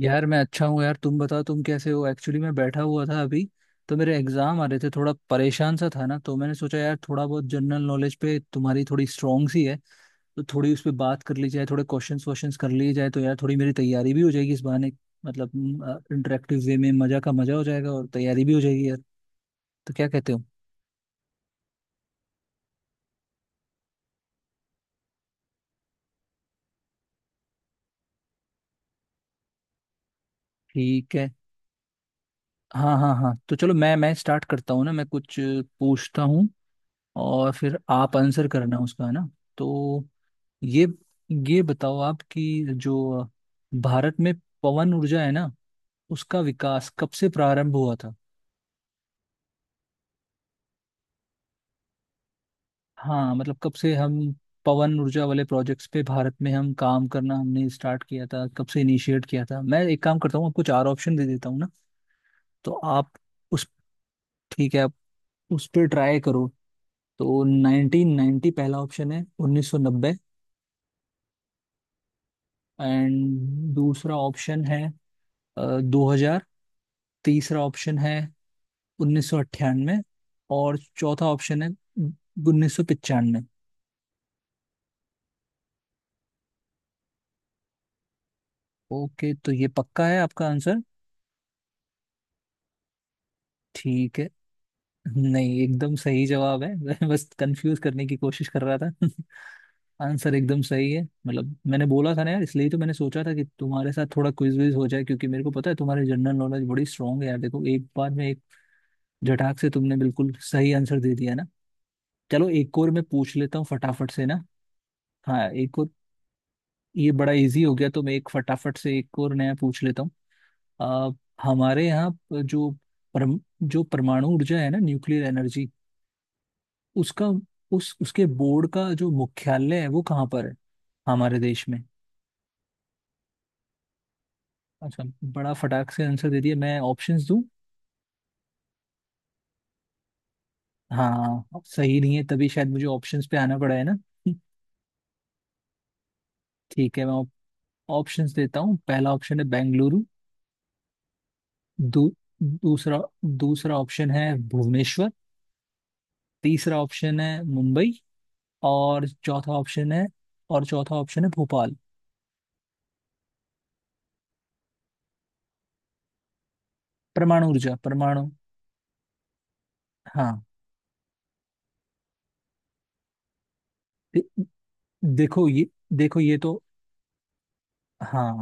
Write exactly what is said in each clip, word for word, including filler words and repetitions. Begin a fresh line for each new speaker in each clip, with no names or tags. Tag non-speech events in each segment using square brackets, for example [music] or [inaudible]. यार मैं अच्छा हूँ। यार तुम बताओ तुम कैसे हो। एक्चुअली मैं बैठा हुआ था अभी तो मेरे एग्जाम आ रहे थे, थोड़ा परेशान सा था ना, तो मैंने सोचा यार थोड़ा बहुत जनरल नॉलेज पे तुम्हारी थोड़ी स्ट्रॉन्ग सी है। तो थोड़ी उस पर बात कर ली जाए, थोड़े क्वेश्चंस क्वेश्चंस कर लिए जाए तो यार थोड़ी मेरी तैयारी भी हो जाएगी इस बहाने। मतलब इंटरेक्टिव वे में मजा का मजा हो जाएगा और तैयारी भी हो जाएगी यार। तो क्या कहते हो? ठीक है। हाँ हाँ हाँ, तो चलो मैं मैं स्टार्ट करता हूँ ना, मैं कुछ पूछता हूँ और फिर आप आंसर करना उसका, है ना? तो ये ये बताओ आप कि जो भारत में पवन ऊर्जा है ना, उसका विकास कब से प्रारंभ हुआ था? हाँ मतलब कब से हम पवन ऊर्जा वाले प्रोजेक्ट्स पे भारत में हम काम करना हमने स्टार्ट किया था, कब से इनिशिएट किया था। मैं एक काम करता हूँ, आपको चार ऑप्शन दे देता हूँ ना। तो आप उस ठीक है आप उस पर ट्राई करो। तो उन्नीस सौ नब्बे पहला ऑप्शन है, उन्नीस सौ नब्बे। एंड दूसरा ऑप्शन है अ, दो हज़ार। तीसरा ऑप्शन है उन्नीस सौ अट्ठानवे और चौथा ऑप्शन है उन्नीस सौ पचानवे। ओके, तो ये पक्का है आपका आंसर? ठीक है। नहीं, एकदम सही जवाब है, मैं बस कंफ्यूज करने की कोशिश कर रहा था। [laughs] आंसर एकदम सही है। मतलब मैंने बोला था ना यार, इसलिए तो मैंने सोचा था कि तुम्हारे साथ थोड़ा क्विज विज हो जाए, क्योंकि मेरे को पता है तुम्हारी जनरल नॉलेज बड़ी स्ट्रांग है यार। देखो, एक बार में एक झटाक से तुमने बिल्कुल सही आंसर दे दिया ना। चलो, एक और मैं पूछ लेता हूँ फटाफट से ना। हाँ, एक और। ये बड़ा इजी हो गया, तो मैं एक फटाफट से एक और नया पूछ लेता हूँ। आ, हमारे यहाँ प- जो परम, जो परमाणु ऊर्जा है ना, न्यूक्लियर एनर्जी, उसका उस उसके बोर्ड का जो मुख्यालय है वो कहाँ पर है हमारे देश में? अच्छा। बड़ा फटाक से आंसर दे दिया, मैं ऑप्शंस दूं? हाँ सही नहीं है, तभी शायद मुझे ऑप्शंस पे आना पड़ा है ना। [laughs] ठीक है, मैं ऑप्शंस देता हूँ। पहला ऑप्शन है बेंगलुरु। दू, दूसरा दूसरा ऑप्शन है भुवनेश्वर। तीसरा ऑप्शन है मुंबई, और चौथा ऑप्शन है और चौथा ऑप्शन है भोपाल। परमाणु ऊर्जा परमाणु। हाँ। दे, देखो ये देखो ये तो, हाँ,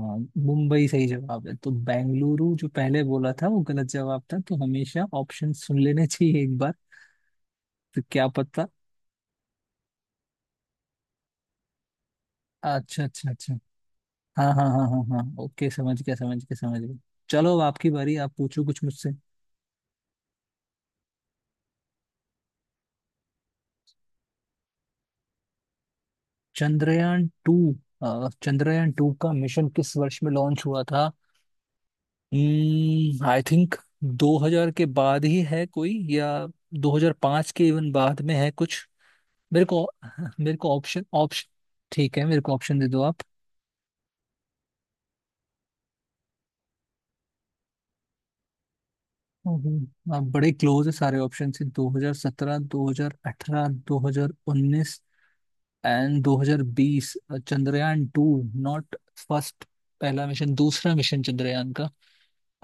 मुंबई सही जवाब है। तो बेंगलुरु जो पहले बोला था वो गलत जवाब था, तो हमेशा ऑप्शन सुन लेने चाहिए एक बार, तो क्या पता। अच्छा अच्छा अच्छा। हाँ हाँ हाँ हाँ हाँ, ओके समझ गया समझ गया समझ गया। चलो, अब आपकी बारी, आप पूछो कुछ मुझसे। चंद्रयान टू। चंद्रयान टू का मिशन किस वर्ष में लॉन्च हुआ था? आई थिंक दो हज़ार के बाद ही है कोई, या दो हज़ार पाँच के इवन बाद में है कुछ। मेरे को मेरे को ऑप्शन ऑप्शन ठीक है, मेरे को ऑप्शन दे दो आप। हम्म, आप बड़े क्लोज है सारे ऑप्शन से, दो हज़ार सत्रह दो हज़ार अट्ठारह दो हज़ार उन्नीस एंड दो हज़ार बीस। चंद्रयान टू, नॉट फर्स्ट, पहला मिशन दूसरा मिशन चंद्रयान का।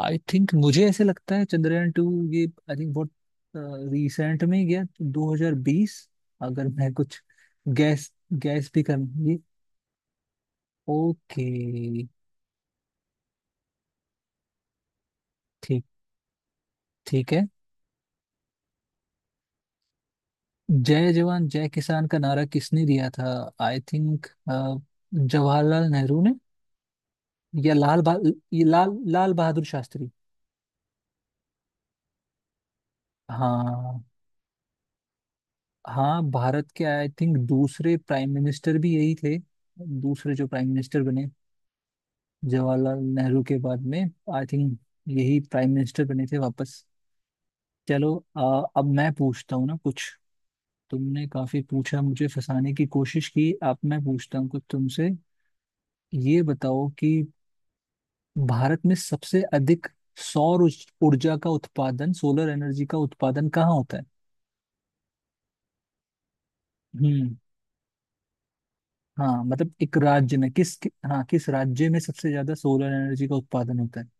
आई थिंक मुझे ऐसे लगता है चंद्रयान टू ये, आई थिंक बहुत रिसेंट में ही गया, दो हज़ार बीस। अगर मैं कुछ गैस गैस भी कर, ये, ओके। ठीक ठीक है। जय जवान जय किसान का नारा किसने दिया था? आई थिंक जवाहरलाल नेहरू ने, या लाल बहा ये लाल लाल बहादुर शास्त्री। हाँ। हाँ भारत के आई थिंक दूसरे प्राइम मिनिस्टर भी यही थे, दूसरे जो प्राइम मिनिस्टर बने जवाहरलाल नेहरू के बाद में। आई थिंक यही प्राइम मिनिस्टर बने थे वापस। चलो, आ, अब मैं पूछता हूँ ना कुछ। तुमने काफी पूछा मुझे फंसाने की कोशिश की, अब मैं पूछता हूँ कुछ तुमसे। ये बताओ कि भारत में सबसे अधिक सौर उज- ऊर्जा का उत्पादन, सोलर एनर्जी का उत्पादन कहाँ होता है? हम्म। हाँ मतलब एक राज्य में किस कि, हाँ, किस राज्य में सबसे ज्यादा सोलर एनर्जी का उत्पादन होता है?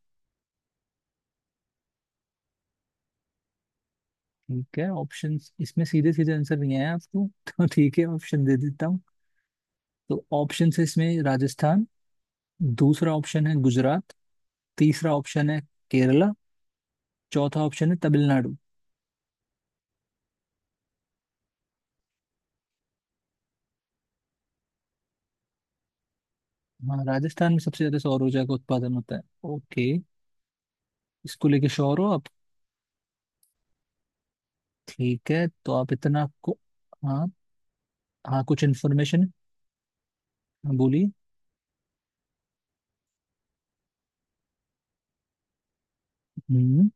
ठीक है, ऑप्शंस, इसमें सीधे सीधे आंसर नहीं आया आपको। [laughs] तो ठीक है, ऑप्शन दे देता हूँ। तो ऑप्शन है इसमें राजस्थान, दूसरा ऑप्शन है गुजरात, तीसरा ऑप्शन है केरला, चौथा ऑप्शन है तमिलनाडु। हाँ, राजस्थान में सबसे ज्यादा सौर ऊर्जा का उत्पादन होता है? ओके, इसको लेके श्योर हो आप? ठीक है, तो आप इतना को, हाँ हाँ, कुछ इन्फॉर्मेशन बोलिए। हम्म।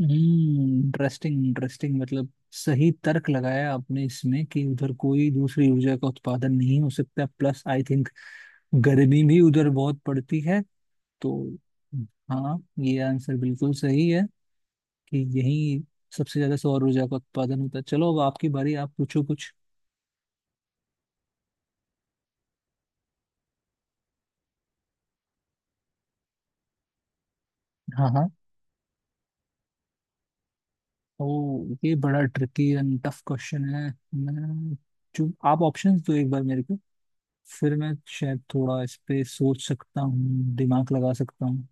इंटरेस्टिंग इंटरेस्टिंग, मतलब सही तर्क लगाया आपने इसमें कि उधर कोई दूसरी ऊर्जा का उत्पादन नहीं हो सकता, प्लस आई थिंक गर्मी भी उधर बहुत पड़ती है तो। हाँ, ये आंसर बिल्कुल सही है कि यही सबसे ज्यादा सौर ऊर्जा का उत्पादन होता है। चलो, अब आपकी बारी, आप पूछो कुछ। हाँ हाँ। ओ, ये बड़ा ट्रिकी एंड टफ क्वेश्चन है। मैं जो आप ऑप्शंस दो एक बार मेरे को, फिर मैं शायद थोड़ा इस पे सोच सकता हूँ, दिमाग लगा सकता हूँ।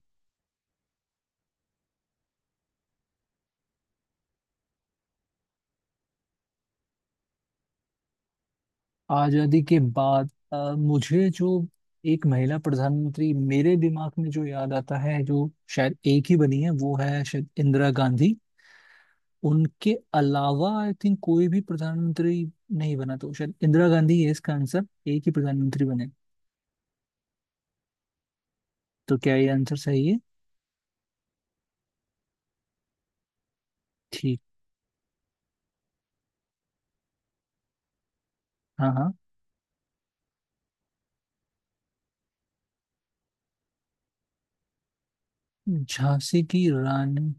आजादी के बाद अ, मुझे जो एक महिला प्रधानमंत्री मेरे दिमाग में जो याद आता है जो शायद एक ही बनी है, वो है शायद इंदिरा गांधी। उनके अलावा आई थिंक कोई भी प्रधानमंत्री नहीं बना, तो शायद इंदिरा गांधी है इसका आंसर, एक ही प्रधानमंत्री बने। तो क्या ये आंसर सही है? ठीक। हाँ हाँ। झांसी की रानी।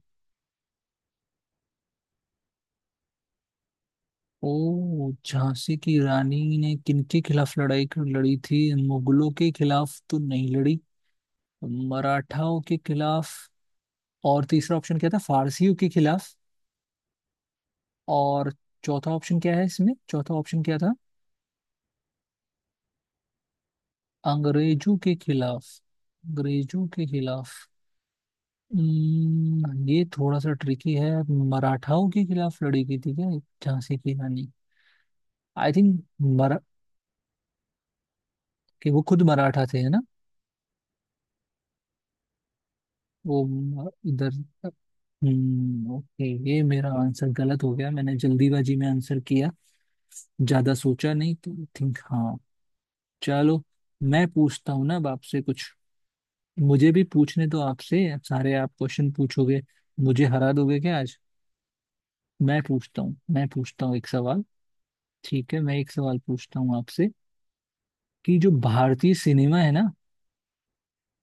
ओ, झांसी की रानी ने किनके खिलाफ लड़ाई कर- लड़ी थी? मुगलों के खिलाफ तो नहीं लड़ी, मराठाओं के खिलाफ, और तीसरा ऑप्शन क्या था, फारसियों के खिलाफ, और चौथा ऑप्शन क्या है इसमें चौथा ऑप्शन क्या था, अंग्रेजों के खिलाफ अंग्रेजों के खिलाफ हम्म, ये थोड़ा सा ट्रिकी है। मराठाओं के खिलाफ लड़ी गई थी क्या झांसी की रानी? आई थिंक, मरा कि वो खुद मराठा थे है ना? वो म- इधर। हम्म, ओके, ये मेरा आंसर गलत हो गया, मैंने जल्दीबाजी में आंसर किया, ज्यादा सोचा नहीं, तो आई थिंक हाँ। चलो, मैं पूछता हूँ ना अब आपसे कुछ। मुझे भी पूछने तो आपसे, सारे आप क्वेश्चन पूछोगे, मुझे हरा दोगे क्या आज? मैं पूछता हूँ मैं पूछता हूँ एक सवाल। ठीक है, मैं एक सवाल पूछता हूँ आपसे कि जो भारतीय सिनेमा है ना,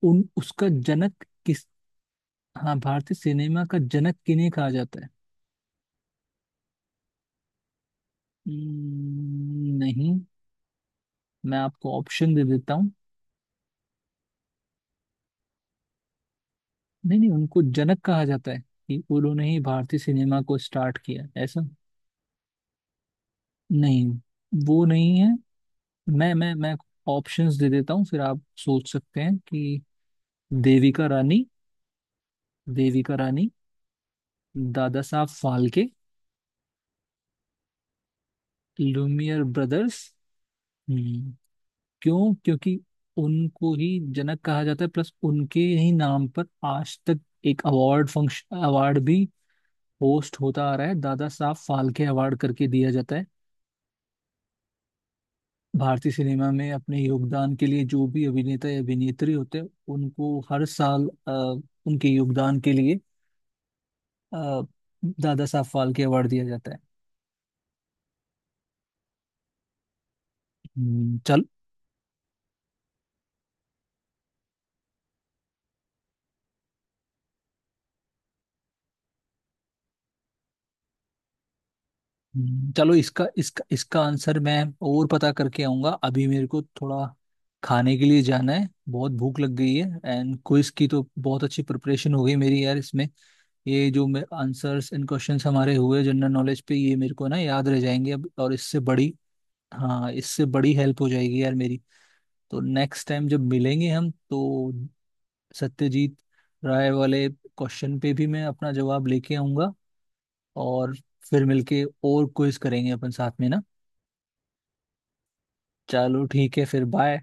उन उसका जनक किस हाँ, भारतीय सिनेमा का जनक किन्हें कहा जाता है? हम्म, नहीं। मैं आपको ऑप्शन दे देता हूँ। नहीं नहीं, उनको जनक कहा जाता है कि उन्होंने ही भारतीय सिनेमा को स्टार्ट किया ऐसा, नहीं वो नहीं है। मैं मैं मैं ऑप्शंस दे देता हूँ, फिर आप सोच सकते हैं कि देविका रानी देविका रानी दादा साहब फाल्के, लुमियर ब्रदर्स। हम्म, क्यों? क्योंकि उनको ही जनक कहा जाता है, प्लस उनके ही नाम पर आज तक एक अवार्ड फंक्शन अवार्ड भी होस्ट होता आ रहा है, दादा साहब फाल्के अवार्ड करके दिया जाता है। भारतीय सिनेमा में अपने योगदान के लिए जो भी अभिनेता या अभिनेत्री होते हैं, उनको हर साल अ, उनके योगदान के लिए अ, दादा साहब फाल्के अवार्ड दिया जाता है। हम्म, चल। हम्म, चलो, इसका इसका इसका आंसर मैं और पता करके आऊंगा। अभी मेरे को थोड़ा खाने के लिए जाना है, बहुत भूख लग गई है। एंड क्विज की तो बहुत अच्छी प्रिपरेशन हो गई मेरी यार इसमें। ये जो मैं आंसर्स एंड क्वेश्चंस हमारे हुए जनरल नॉलेज पे, ये मेरे को ना याद रह जाएंगे अब। और इससे बड़ी, हाँ, इससे बड़ी हेल्प हो जाएगी यार मेरी। तो नेक्स्ट टाइम जब मिलेंगे हम, तो सत्यजीत राय वाले क्वेश्चन पे भी मैं अपना जवाब लेके आऊंगा। और फिर मिलके और क्विज करेंगे अपन साथ में ना। चलो ठीक है, फिर बाय।